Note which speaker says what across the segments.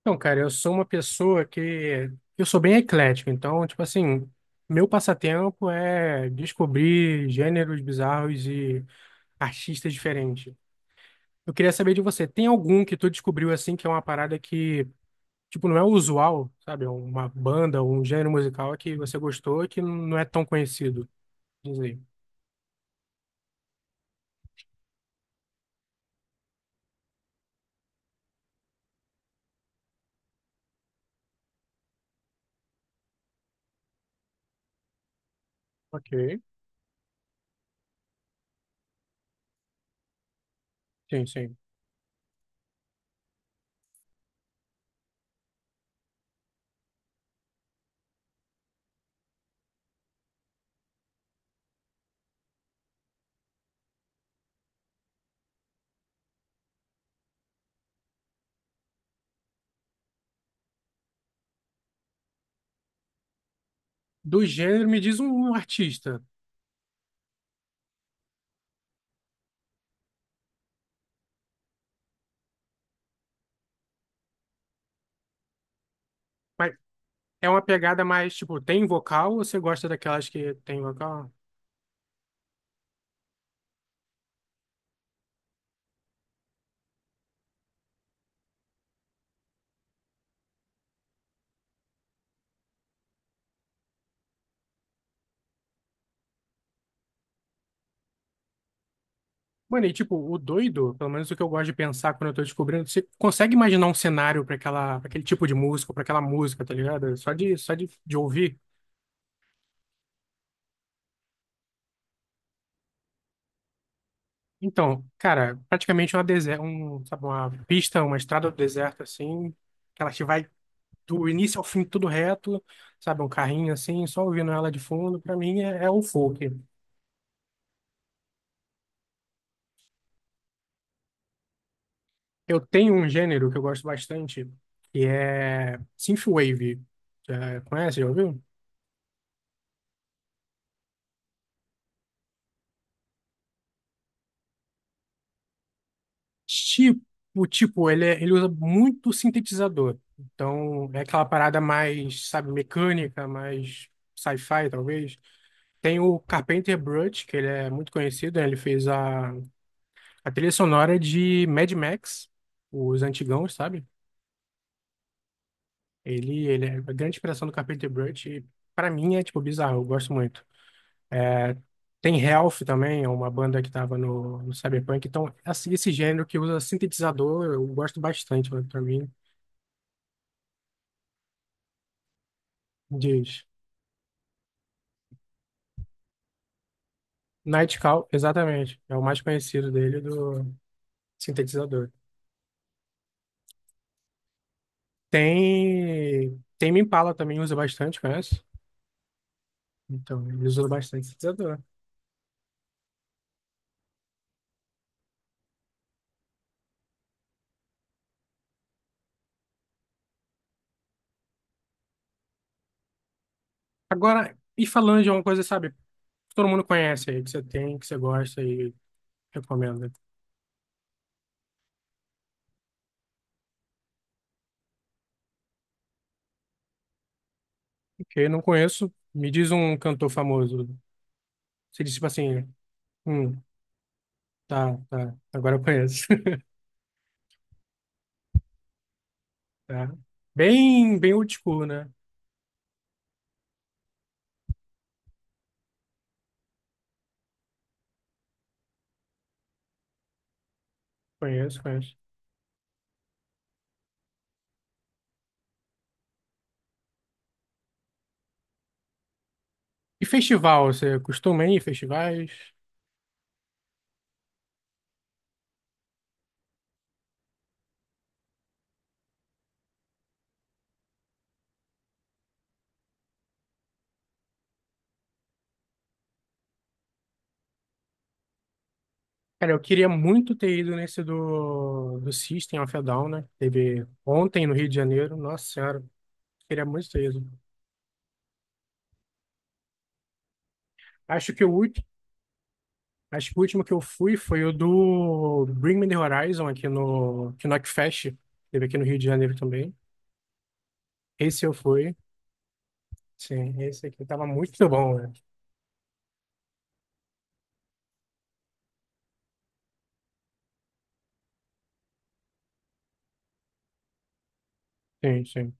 Speaker 1: Então, cara, eu sou uma pessoa que eu sou bem eclético, então, tipo assim, meu passatempo é descobrir gêneros bizarros e artistas diferentes. Eu queria saber de você, tem algum que tu descobriu assim que é uma parada que, tipo, não é o usual, sabe? Uma banda ou um gênero musical que você gostou e que não é tão conhecido. Diz aí. Ok. Sim, sim. Do gênero, me diz um artista. Mas é uma pegada mais, tipo, tem vocal ou você gosta daquelas que tem vocal? Mano, e tipo, o doido, pelo menos o que eu gosto de pensar quando eu tô descobrindo, você consegue imaginar um cenário pra aquele tipo de música, pra aquela música, tá ligado? Só de ouvir. Então, cara, praticamente uma deserta, sabe, uma pista, uma estrada do deserto assim, que ela te vai do início ao fim tudo reto, sabe, um carrinho assim, só ouvindo ela de fundo, pra mim é o folk. Eu tenho um gênero que eu gosto bastante, que é synthwave. Já conhece, já ouviu? Tipo, ele usa muito sintetizador. Então, é aquela parada mais, sabe, mecânica, mais sci-fi, talvez. Tem o Carpenter Brut, que ele é muito conhecido, né? Ele fez a trilha sonora de Mad Max, os antigão, sabe? Ele é a grande inspiração do Carpenter Brut e, pra mim, é, tipo, bizarro. Eu gosto muito. É. Tem Health também, é uma banda que estava no Cyberpunk. Então, assim, esse gênero que usa sintetizador, eu gosto bastante, né, pra mim, diz. Nightcall, exatamente, é o mais conhecido dele, do sintetizador. Tem, Tame Impala também usa bastante, conhece? Então, ele usa bastante sintetizador. Agora, e falando de uma coisa, sabe, que todo mundo conhece aí, que você tem, que você gosta e recomenda. Porque não conheço, me diz um cantor famoso. Você diz, tipo assim... Hum. Tá, tá. Agora eu conheço. Tá. Bem, bem old school, né? Conheço, conheço. E festival, você costuma ir em festivais? Cara, eu queria muito ter ido nesse do System of a Down, né? Teve ontem no Rio de Janeiro. Nossa Senhora, queria muito ter ido. Acho que o último, acho que o último que eu fui foi o do Bring Me the Horizon aqui no Okfest. Teve aqui no Rio de Janeiro também. Esse eu fui. Sim, esse aqui tava muito bom, né? Sim, sim.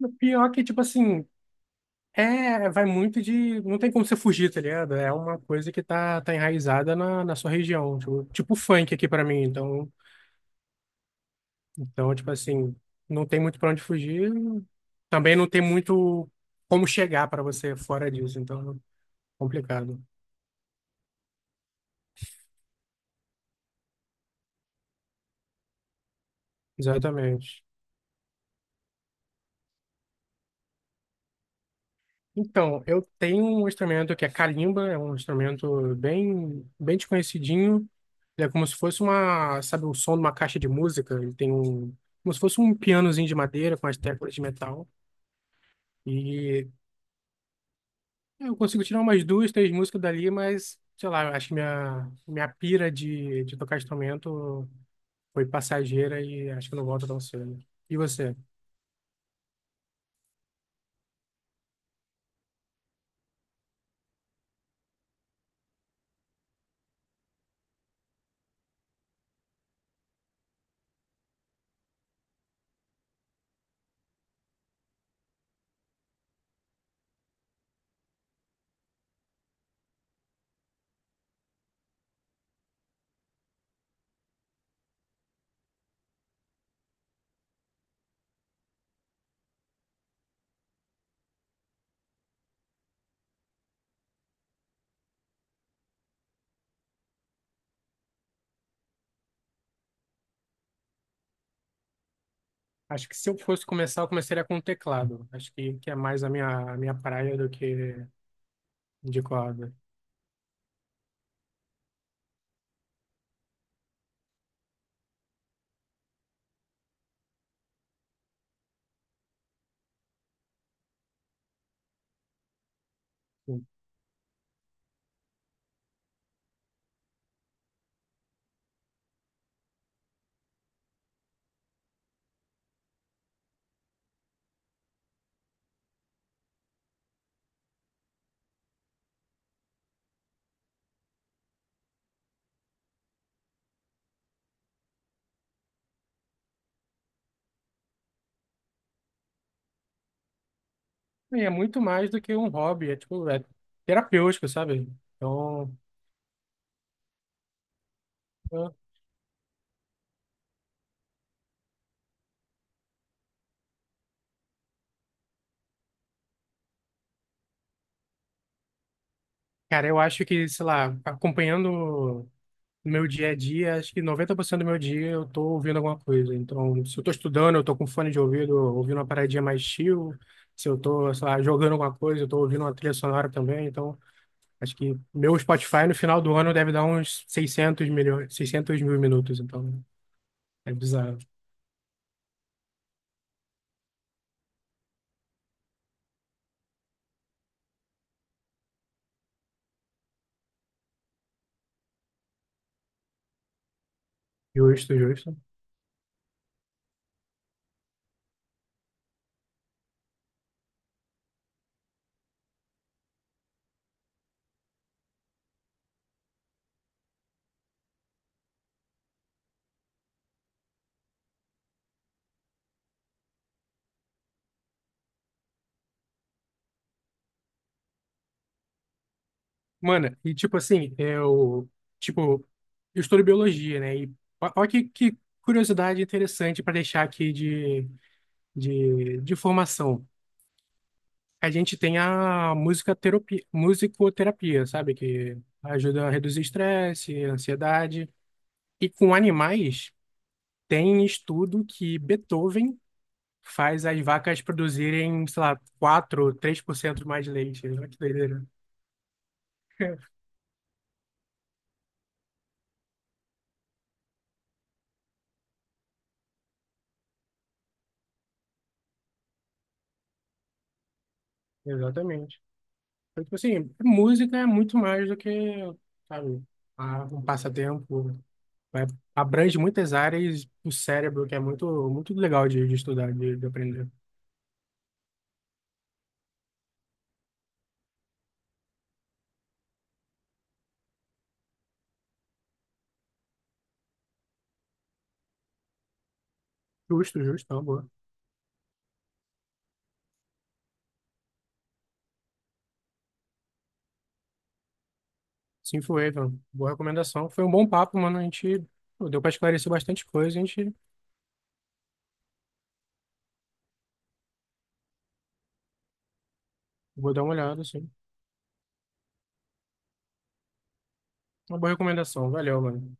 Speaker 1: O pior é que, tipo assim, é, vai muito de. Não tem como você fugir, tá ligado? É uma coisa que tá enraizada na sua região. Tipo funk aqui pra mim. Então, tipo assim, não tem muito pra onde fugir. Também não tem muito como chegar pra você fora disso. Então, complicado. Exatamente. Então, eu tenho um instrumento que é calimba, é um instrumento bem, bem desconhecidinho. Ele é como se fosse uma, sabe, o som de uma caixa de música. Ele tem um. Como se fosse um pianozinho de madeira com as teclas de metal. E eu consigo tirar umas duas, três músicas dali, mas, sei lá, eu acho que minha pira de tocar instrumento foi passageira e acho que não volta tão cedo. E você? Acho que se eu fosse começar, eu começaria com teclado. Acho que é mais a minha praia do que de corda. E é muito mais do que um hobby, é tipo, é terapêutico, sabe? Então, eu- cara, eu acho que, sei lá, acompanhando. No meu dia a dia, acho que 90% do meu dia eu tô ouvindo alguma coisa. Então, se eu tô estudando, eu tô com fone de ouvido, ouvindo uma paradinha mais chill. Se eu tô, sei lá, jogando alguma coisa, eu tô ouvindo uma trilha sonora também. Então, acho que meu Spotify no final do ano deve dar uns 600 milhões, 600 mil minutos. Então, é bizarro. Justo, justo. Mano, e tipo assim, eu, tipo, eu estudo biologia, né? E olha que curiosidade interessante para deixar aqui de formação. A gente tem a música musicoterapia, sabe? Que ajuda a reduzir estresse, ansiedade. E com animais, tem estudo que Beethoven faz as vacas produzirem, sei lá, quatro três por cento mais leite. Olha que doideira. Exatamente. Então, tipo assim, música é muito mais do que, sabe, um passatempo. Vai- Abrange muitas áreas do cérebro, que é muito, muito legal de estudar, de aprender. Justo, justo, tá bom. Sim, foi, Evan. Boa recomendação. Foi um bom papo, mano. A gente pô, deu pra esclarecer bastante coisa. A gente vou dar uma olhada, assim. Uma boa recomendação. Valeu, mano.